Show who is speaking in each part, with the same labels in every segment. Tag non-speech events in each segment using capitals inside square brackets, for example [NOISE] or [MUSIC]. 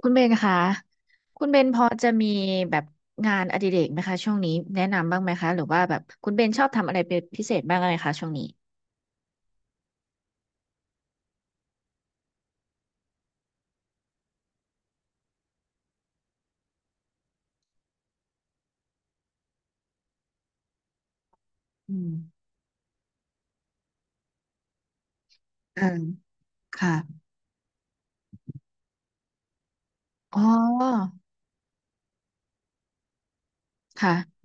Speaker 1: คุณเบนคะคุณเบนพอจะมีแบบงานอดิเรกไหมคะช่วงนี้แนะนำบ้างไหมคะหรือว่าแบบคุณเบนชอบทำอะไรเป็นพิเศษบ้างไหมคะช่วงนี้อืมอ่าค่ะอ๋อค่ะ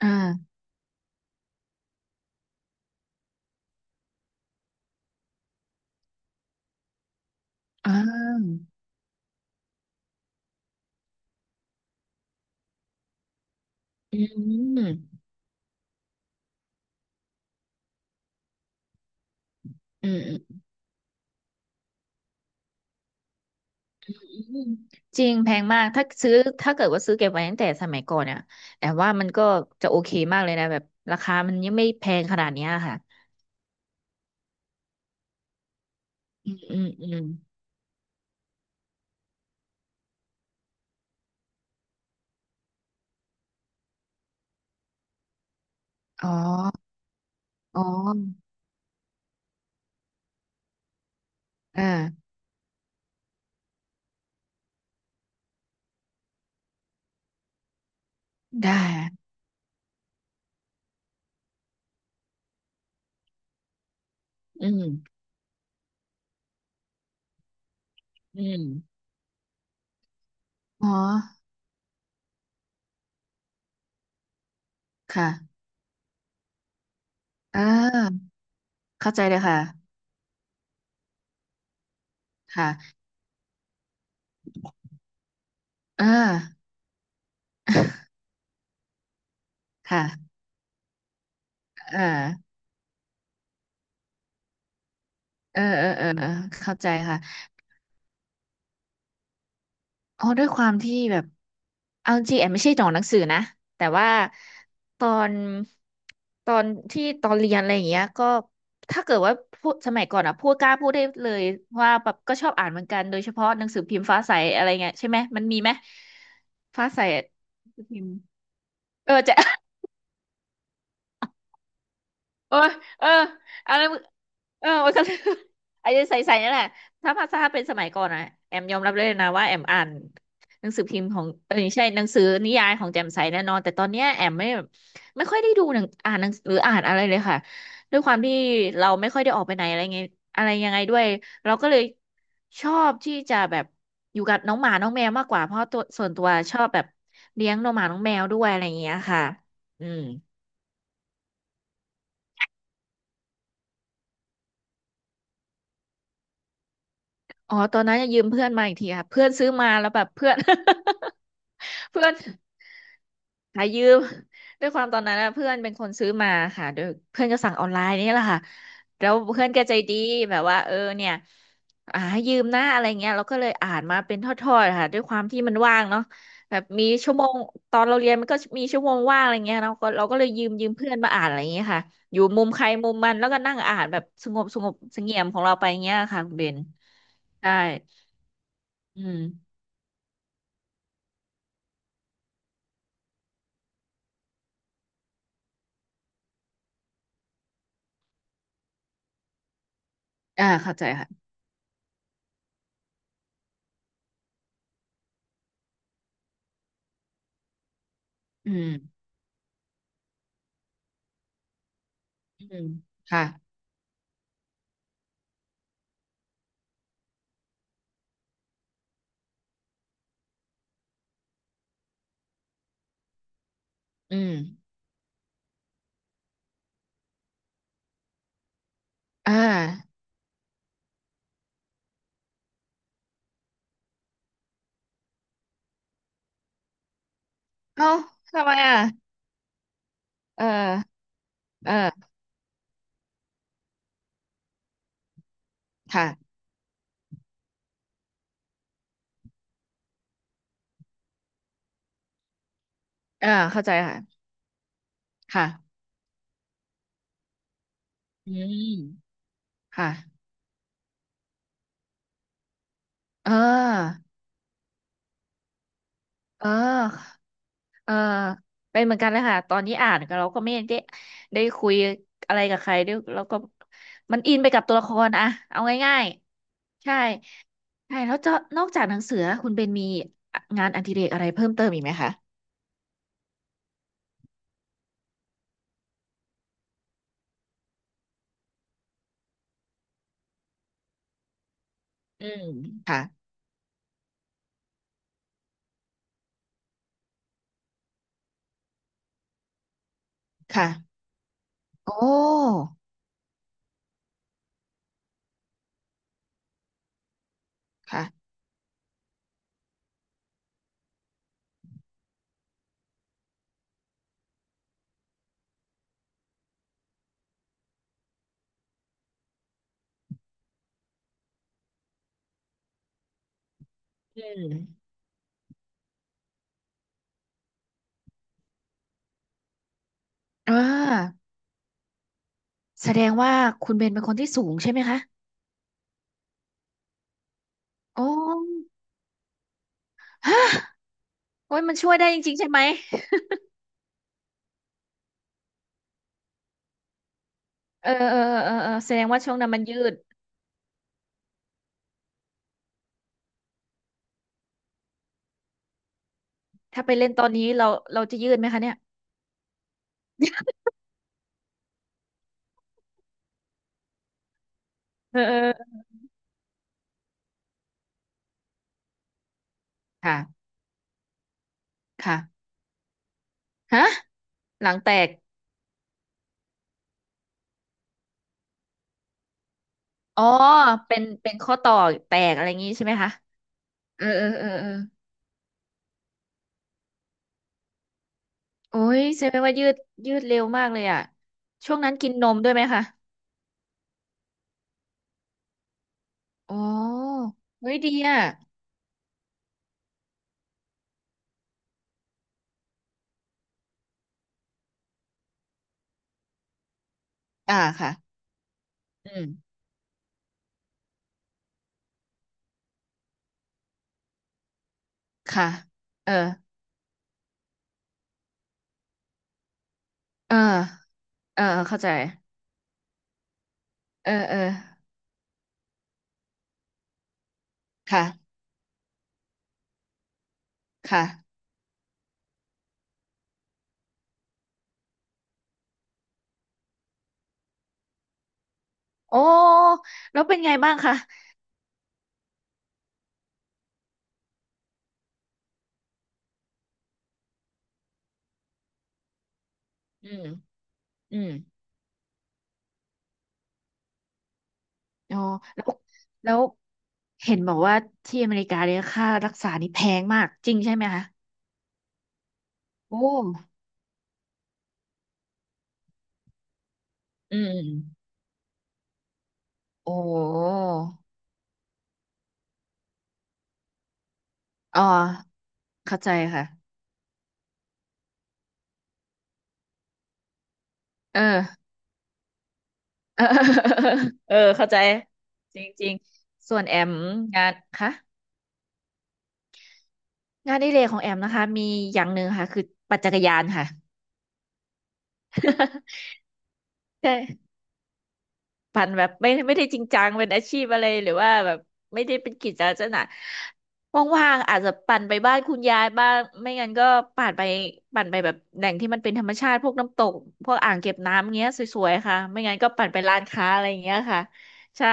Speaker 1: อ่าอ่าอืมอืมอืมจริงแพงมากถ้าซื้อถ้าเกิดว่าซื้อเก็บไว้ตั้งแต่สมัยก่อนเนี่ยแต่ว่ามันก็จะโอเคมากเลยนะแบบราคามันยังไม่แพงขนาดเนี้ยค่ะอืมอืมอืมอ๋ออ๋ออ่าได้อืม อืม อ๋อค่ะอ่าเข้าใจเลยค่ะค่ะอ่าค่ะอ่าเออเออเออเออเข้าใจค่ะอ๋อด้วยความที่แบบเอาจริงแอมไม่ใช่หนองหนังสือนะแต่ว่าตอนตอนที่ตอนเรียนอะไรอย่างเงี้ยก็ถ้าเกิดว่าพูดสมัยก่อนอะพูดกล้าพูดได้เลยว่าแบบก็ชอบอ่านเหมือนกันโดยเฉพาะหนังสือพิมพ์ฟ้าใสอะไรเงี้ยใช่ไหมมันมีไหมฟ้าใสพิมพ์จะ [LAUGHS] เออ เออเอาแล้วมันก็ [LAUGHS] เไอ้ [LAUGHS] ใส่ๆนั่นแหละถ้าภาษาเป็นสมัยก่อนอะแอมยอมรับเลยนะว่าแอมอ่านหนังสือพิมพ์ของไม่ใช่หนังสือนิยายของแจ่มใสแน่นอนแต่ตอนเนี้ยแอมไม่ค่อยได้ดูหนังอ่านหนังหรืออ่านอะไรเลยค่ะด้วยความที่เราไม่ค่อยได้ออกไปไหนอะไรไงอะไรยังไงด้วยเราก็เลยชอบที่จะแบบอยู่กับน้องหมาน้องแมวมากกว่าเพราะตัวส่วนตัวชอบแบบเลี้ยงน้องหมาน้องแมวด้วยอะไรอย่างเงี้ยค่ะอืม อ๋อตอนนั้นจะยืมเพื่อนมาอีกทีค่ะเพื่อนซื้อมาแล้วแบบเพื่อน [LAUGHS] เพื่อนหายืมด้วยความตอนนั้นนะเพื่อนเป็นคนซื้อมาค่ะโดยเพื่อนก็สั่งออนไลน์นี่แหละค่ะแล้วเพื่อนก็ใจดีแบบว่าเออเนี่ยอ่าให้ยืมนะอะไรเงี้ยเราก็เลยอ่านมาเป็นทอดๆค่ะด้วยความที่มันว่างเนาะแบบมีชั่วโมงตอนเราเรียนมันก็มีชั่วโมงว่างอะไรเงี้ยเราก็เลยยืมเพื่อนมาอ่านอะไรเงี้ยค่ะอยู่มุมใครมุมมันแล้วก็นั่งอ่านแบบสงบสงบเสงี่ยมของเราไปเงี้ยค่ะคุณเบน ใช่อืมอ่าเข้าใจค่ะอืมอืมค่ะอืมอ่าเอ้าทำไมอ่ะเออเออค่ะเออเข้าใจค่ะค่ะอืมค่ะ เออเออเออเป็นเหมือนกันเลยค่ะ ตอนนี้อ่านก็เราก็ไม่ได้ได้คุยอะไรกับใครด้วยเราก็มันอินไปกับตัวละครอะเอาง่ายๆใช่ ใช่แล้วจะนอกจากหนังสือคุณเป็นมีงานอดิเรกอะไรเพิ่มเติมอีกไหมคะ อืมค่ะค่ะโอ้ค่ะอืมอ่าแสดงว่าคุณเบนเป็นคนที่สูงใช่ไหมคะโอ้ฮะโอ้ยมันช่วยได้จริงๆใช่ไหมเออเออเออเออแสดงว่าช่วงนั้นมันยืดถ้าไปเล่นตอนนี้เราเราจะยืดไหมคะเนี่ยเออเออค่ะค่ะฮะหลังแตกอ๋อเป็นเป็นข้อต่อแตกอะไรอย่างงี้ใช่ไหมคะเออเออเออเออโอ้ยแสดงว่ายืดยืดเร็วมากเลยอ่ะช่วงนั้นกินนมด้วยไหมคะอ๋อเฮ้ยดีอ่ะ อ่าค่ะอืมค่ะ เออเออเออเข้าใจเออเออค่ะค่ะโอ้แล้วเป็นไงบ้างคะอืมอืมโอ้แล้วแล้วเห็นบอกว่าที่อเมริกาเนี่ยค่ารักษานี่แพงมากจริงใช่ไหมคะโอ้อืมโอ้อ๋อเข้าใจค่ะเออ [LAUGHS] เออเออเข้าใจจริงๆส่วนแอมงานค่ะ งานอดิเรกของแอมนะคะมีอย่างหนึ่งค่ะคือปั่นจักรยานค่ะ [LAUGHS] ใช่ [LAUGHS] ปั่นแบบไม่ได้จริงจังเป็นอาชีพอะไรหรือว่าแบบไม่ได้เป็นกิจลักษณะว่างๆอาจจะปั่นไปบ้านคุณยายบ้างไม่งั้นก็ปั่นไปปั่นไปแบบแหล่งที่มันเป็นธรรมชาติพวกน้ำตกพวกอ่างเก็บน้ำเงี้ยสวยๆค่ะไม่งั้นก็ปั่นไปร้านค้าอะไรอย่างเงี้ยค่ะใช่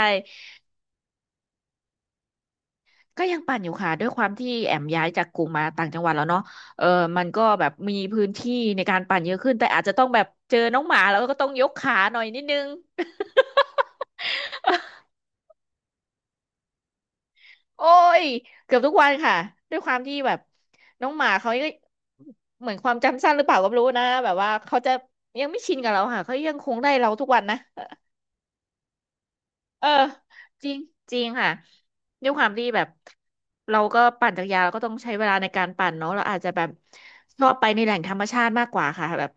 Speaker 1: ก็ยังปั่นอยู่ค่ะด้วยความที่แอมย้ายจากกรุงมาต่างจังหวัดแล้วเนาะเออมันก็แบบมีพื้นที่ในการปั่นเยอะขึ้นแต่อาจจะต้องแบบเจอน้องหมาแล้วก็ต้องยกขาหน่อยนิดนึง [LAUGHS] โอ้ยเกือบทุกวันค่ะด้วยความที่แบบน้องหมาเขาก็เหมือนความจำสั้นหรือเปล่าก็ไม่รู้นะแบบว่าเขาจะยังไม่ชินกับเราค่ะเขายังคงได้เราทุกวันนะ เออจริงจริงค่ะด้วยความที่แบบเราก็ปั่นจักรยานเราก็ต้องใช้เวลาในการปั่นเนาะเราอาจจะแบบชอบไปในแหล่งธรรมชาติมากกว่าค่ะแบบ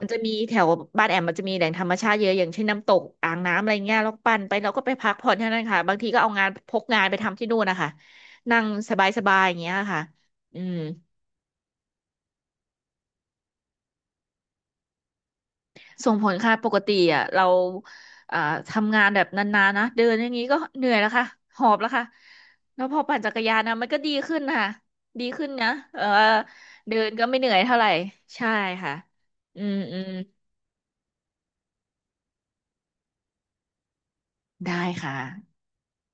Speaker 1: มันจะมีแถวบ้านแอมมันจะมีแหล่งธรรมชาติเยอะอย่างเช่นน้ำตกอ่างน้ำอะไรเงี้ยเราปั่นไปเราก็ไปพักผ่อนที่นั่นค่ะบางทีก็เอางานพกงานไปทำที่นู่นนะคะนั่งสบายๆอย่างเงี้ยค่ะอืม ส่งผลค่ะปกติอ่ะเราอ่าทำงานแบบนานๆนะเดินอย่างนี้ก็เหนื่อยแล้วค่ะหอบแล้วค่ะแล้วพอปั่นจักรยานนะมันก็ดีขึ้นค่ะดีขึ้นนะเออเดินก็ไม่เหนื่อยเท่าไหร่ใช่ค่ะอืมอืมได้ค่ะ